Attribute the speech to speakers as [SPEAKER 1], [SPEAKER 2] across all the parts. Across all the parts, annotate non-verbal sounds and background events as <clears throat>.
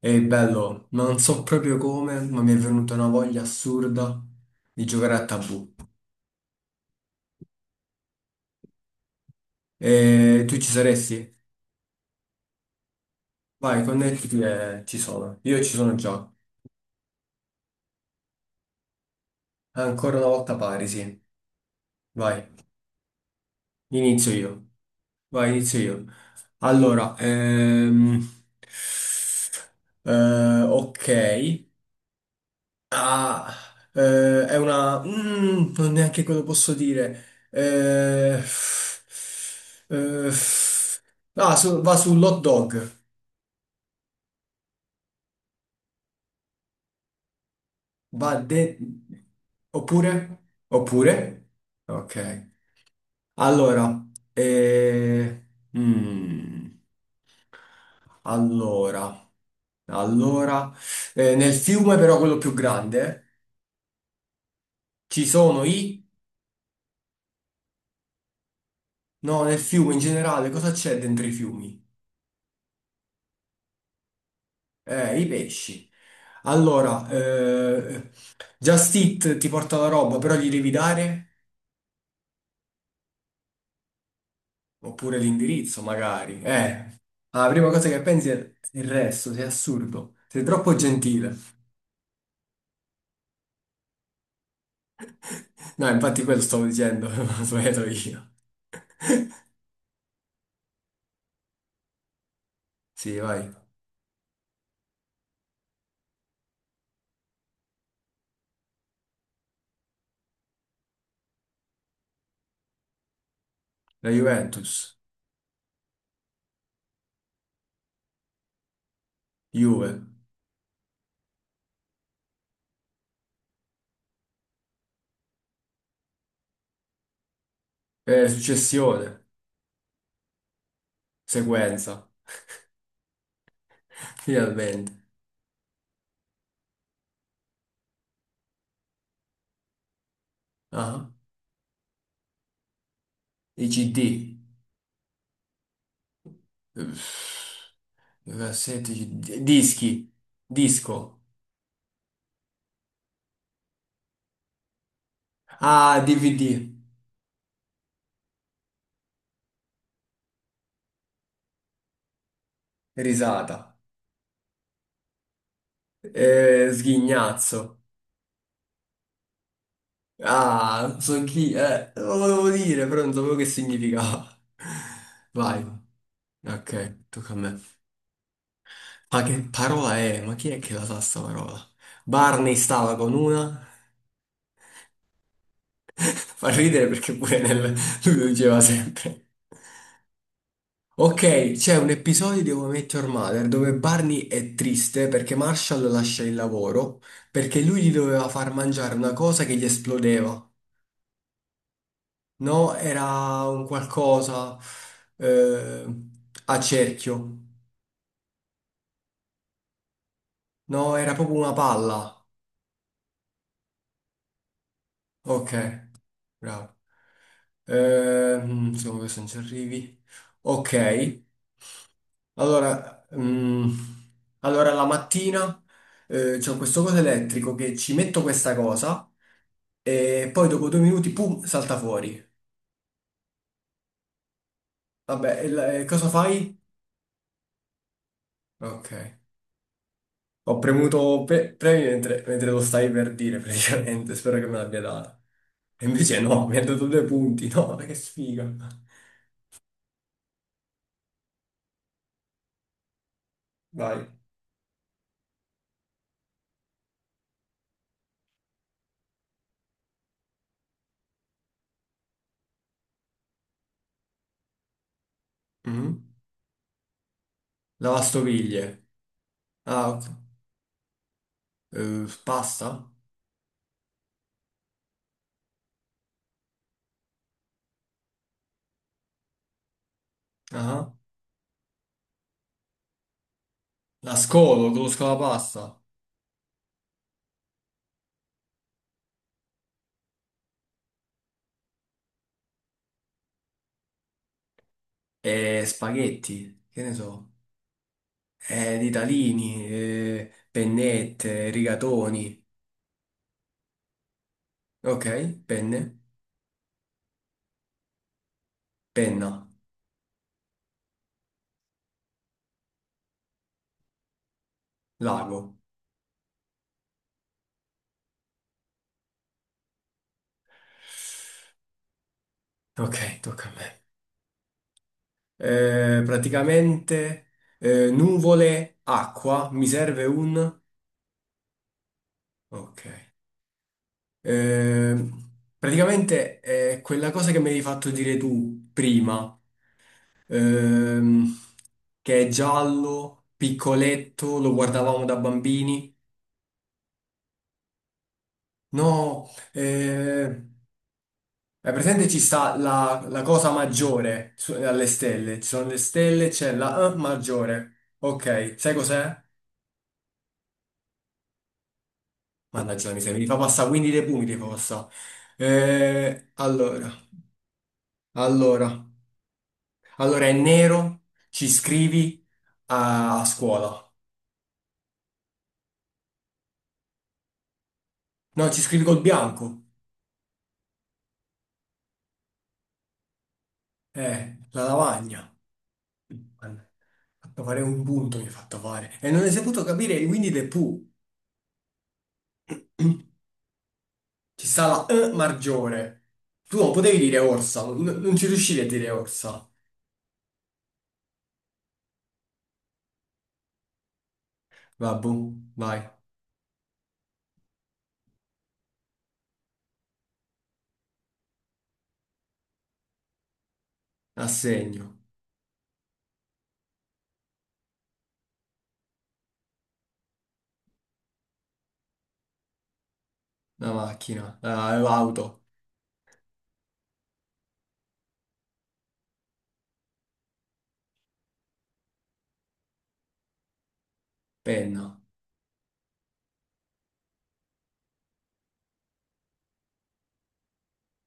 [SPEAKER 1] E bello, ma non so proprio come, ma mi è venuta una voglia assurda di giocare a Tabù. E tu ci saresti? Vai, connettiti e ci sono. Io ci sono già. Ancora una volta pari, sì. Vai, inizio io. Vai, inizio io. Allora, ok. Ah, è una mm, non neanche quello posso dire. Eh, eh, va sull'hot dog. Va de... Oppure? Oppure? Ok. Allora, eh, mm, allora, allora, nel fiume però quello più grande ci sono i... No, nel fiume in generale cosa c'è dentro i fiumi? I pesci. Allora, Just Eat ti porta la roba, però gli devi dare? Oppure l'indirizzo, magari. La prima cosa che pensi è il resto, sei assurdo. Sei troppo gentile. <laughs> No, infatti quello stavo dicendo, <laughs> ho sbagliato io. Sì, vai. La Juventus. Juve. Successione. Sequenza. Finalmente. Ah, i CD. Uff, cassette, CD. Dischi. Disco. Ah, DVD, risata, sghignazzo. Ah, so chi, lo volevo dire, però non sapevo che significava. <laughs> Vai, ok, tocca a me. Ma che parola è? Ma chi è che la sa sta parola? Barney stava con una. <laughs> Fa ridere perché pure nel... lui lo diceva sempre. Ok, c'è un episodio di How I Met Your Mother dove Barney è triste perché Marshall lascia il lavoro perché lui gli doveva far mangiare una cosa che gli esplodeva. No, era un qualcosa eh, a cerchio. No, era proprio una palla. Ok, bravo. Secondo me se non ci arrivi. Ok, allora, allora la mattina c'è questo coso elettrico che ci metto questa cosa e poi dopo due minuti, pum, salta fuori. Vabbè, e e cosa fai? Ok. Ho premuto premi mentre lo stai per dire, praticamente. <laughs> Spero che me l'abbia data. E invece no, mi ha dato due punti. No, ma che sfiga. Vai. Mhm. Lavastoviglie. Ah, ok. Pasta? Ah. La scolo, conosco la pasta. E spaghetti, che ne so. Ditalini, pennette, rigatoni. Ok, penne, penna, lago. Ok, tocca a me. Praticamente nuvole, acqua, mi serve un... Ok. Eh, praticamente è quella cosa che mi hai fatto dire tu prima, ehm, che è giallo, piccoletto, lo guardavamo da bambini. No, è presente ci sta la cosa maggiore alle stelle, ci sono le stelle, c'è la maggiore. Ok, sai cos'è? Mannaggia la miseria, mi fa passare, quindi dei pumi ti fa passare. Allora, allora, allora è nero, ci scrivi a scuola. No, ci scrivi col bianco. La lavagna. Mannaggia, mi ha fatto fare un punto, mi ha fatto fare. E non hai saputo capire, quindi dei pu. <clears throat> Ci sta la E maggiore. Tu non potevi dire orsa, non ci riuscivi a dire orsa. Vabbù, vai, assegno, la macchina, l'auto, penna,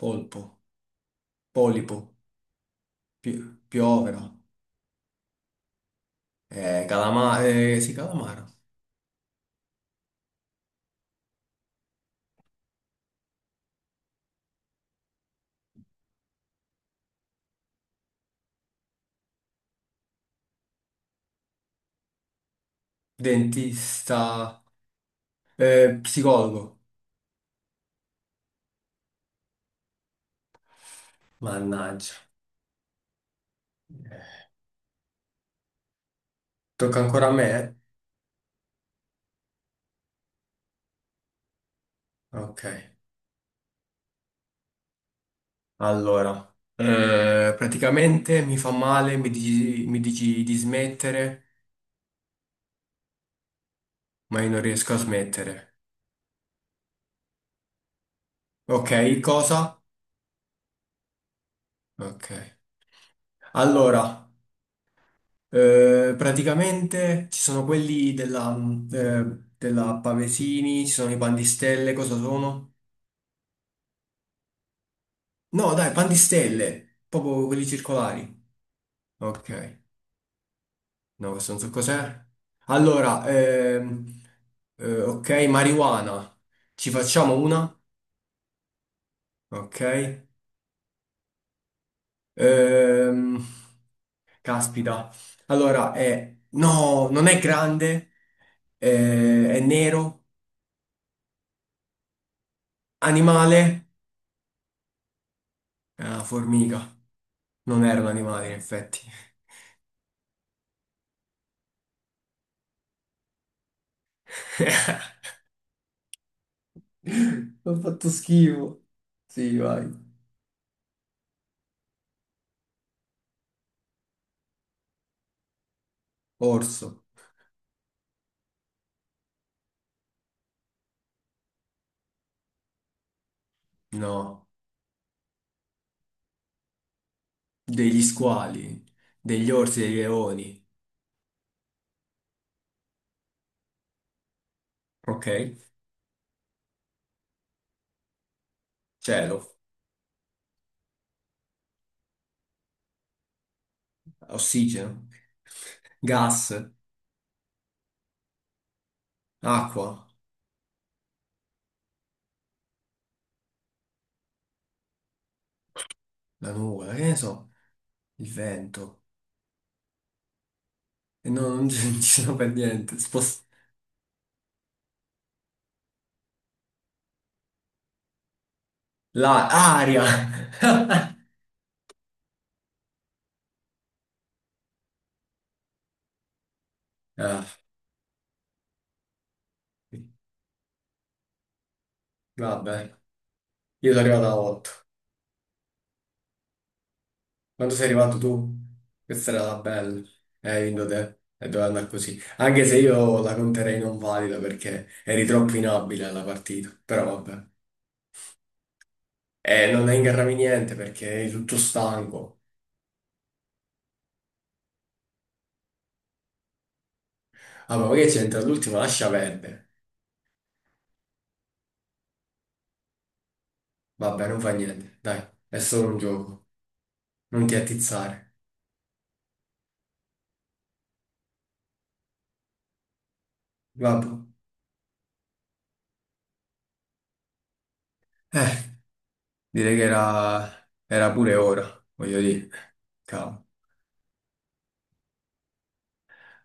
[SPEAKER 1] polpo. Polipo, Piovera, sì, calamaro, dentista, psicologo. Mannaggia, tocca ancora a me? Eh? Ok, allora. Praticamente mi fa male, mi dici di smettere, ma io non riesco a smettere. Ok, cosa? Ok. Allora, praticamente ci sono quelli della Pavesini, ci sono i pandistelle, cosa sono? No, dai, pan di stelle, proprio quelli circolari. Ok, no, questo non so cos'è. Allora, ok, marijuana. Ci facciamo una? Ok. Ehm, caspita. Allora, è... No, non è grande, è nero. Animale? È una formica. Non era un animale, in effetti. <laughs> Ho fatto schifo. Sì, vai. Orso. No. Degli squali, degli orsi, dei leoni, ok? Cielo, ossigeno, gas, acqua, la nuvola, che ne so, il vento. E no, non <laughs> ci non ci sono per niente. Aria! <laughs> Ah, vabbè, io sono arrivato a 8. Quando sei arrivato tu? Questa era la bella. Hai vinto te. E doveva andare così. Anche se io la conterei non valida perché eri troppo inabile alla partita. Però vabbè. E non ingarrami niente perché eri tutto stanco. Ah, ma magari c'entra all'ultimo, lascia perdere. Vabbè, non fa niente, dai, è solo un gioco. Non ti attizzare. Vabbè. Eh, direi che era, pure ora, voglio dire. Cavolo.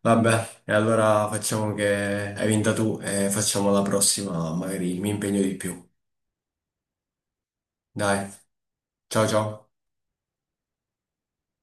[SPEAKER 1] Vabbè, e allora facciamo che hai vinta tu e facciamo la prossima, magari mi impegno di più. Dai, ciao ciao.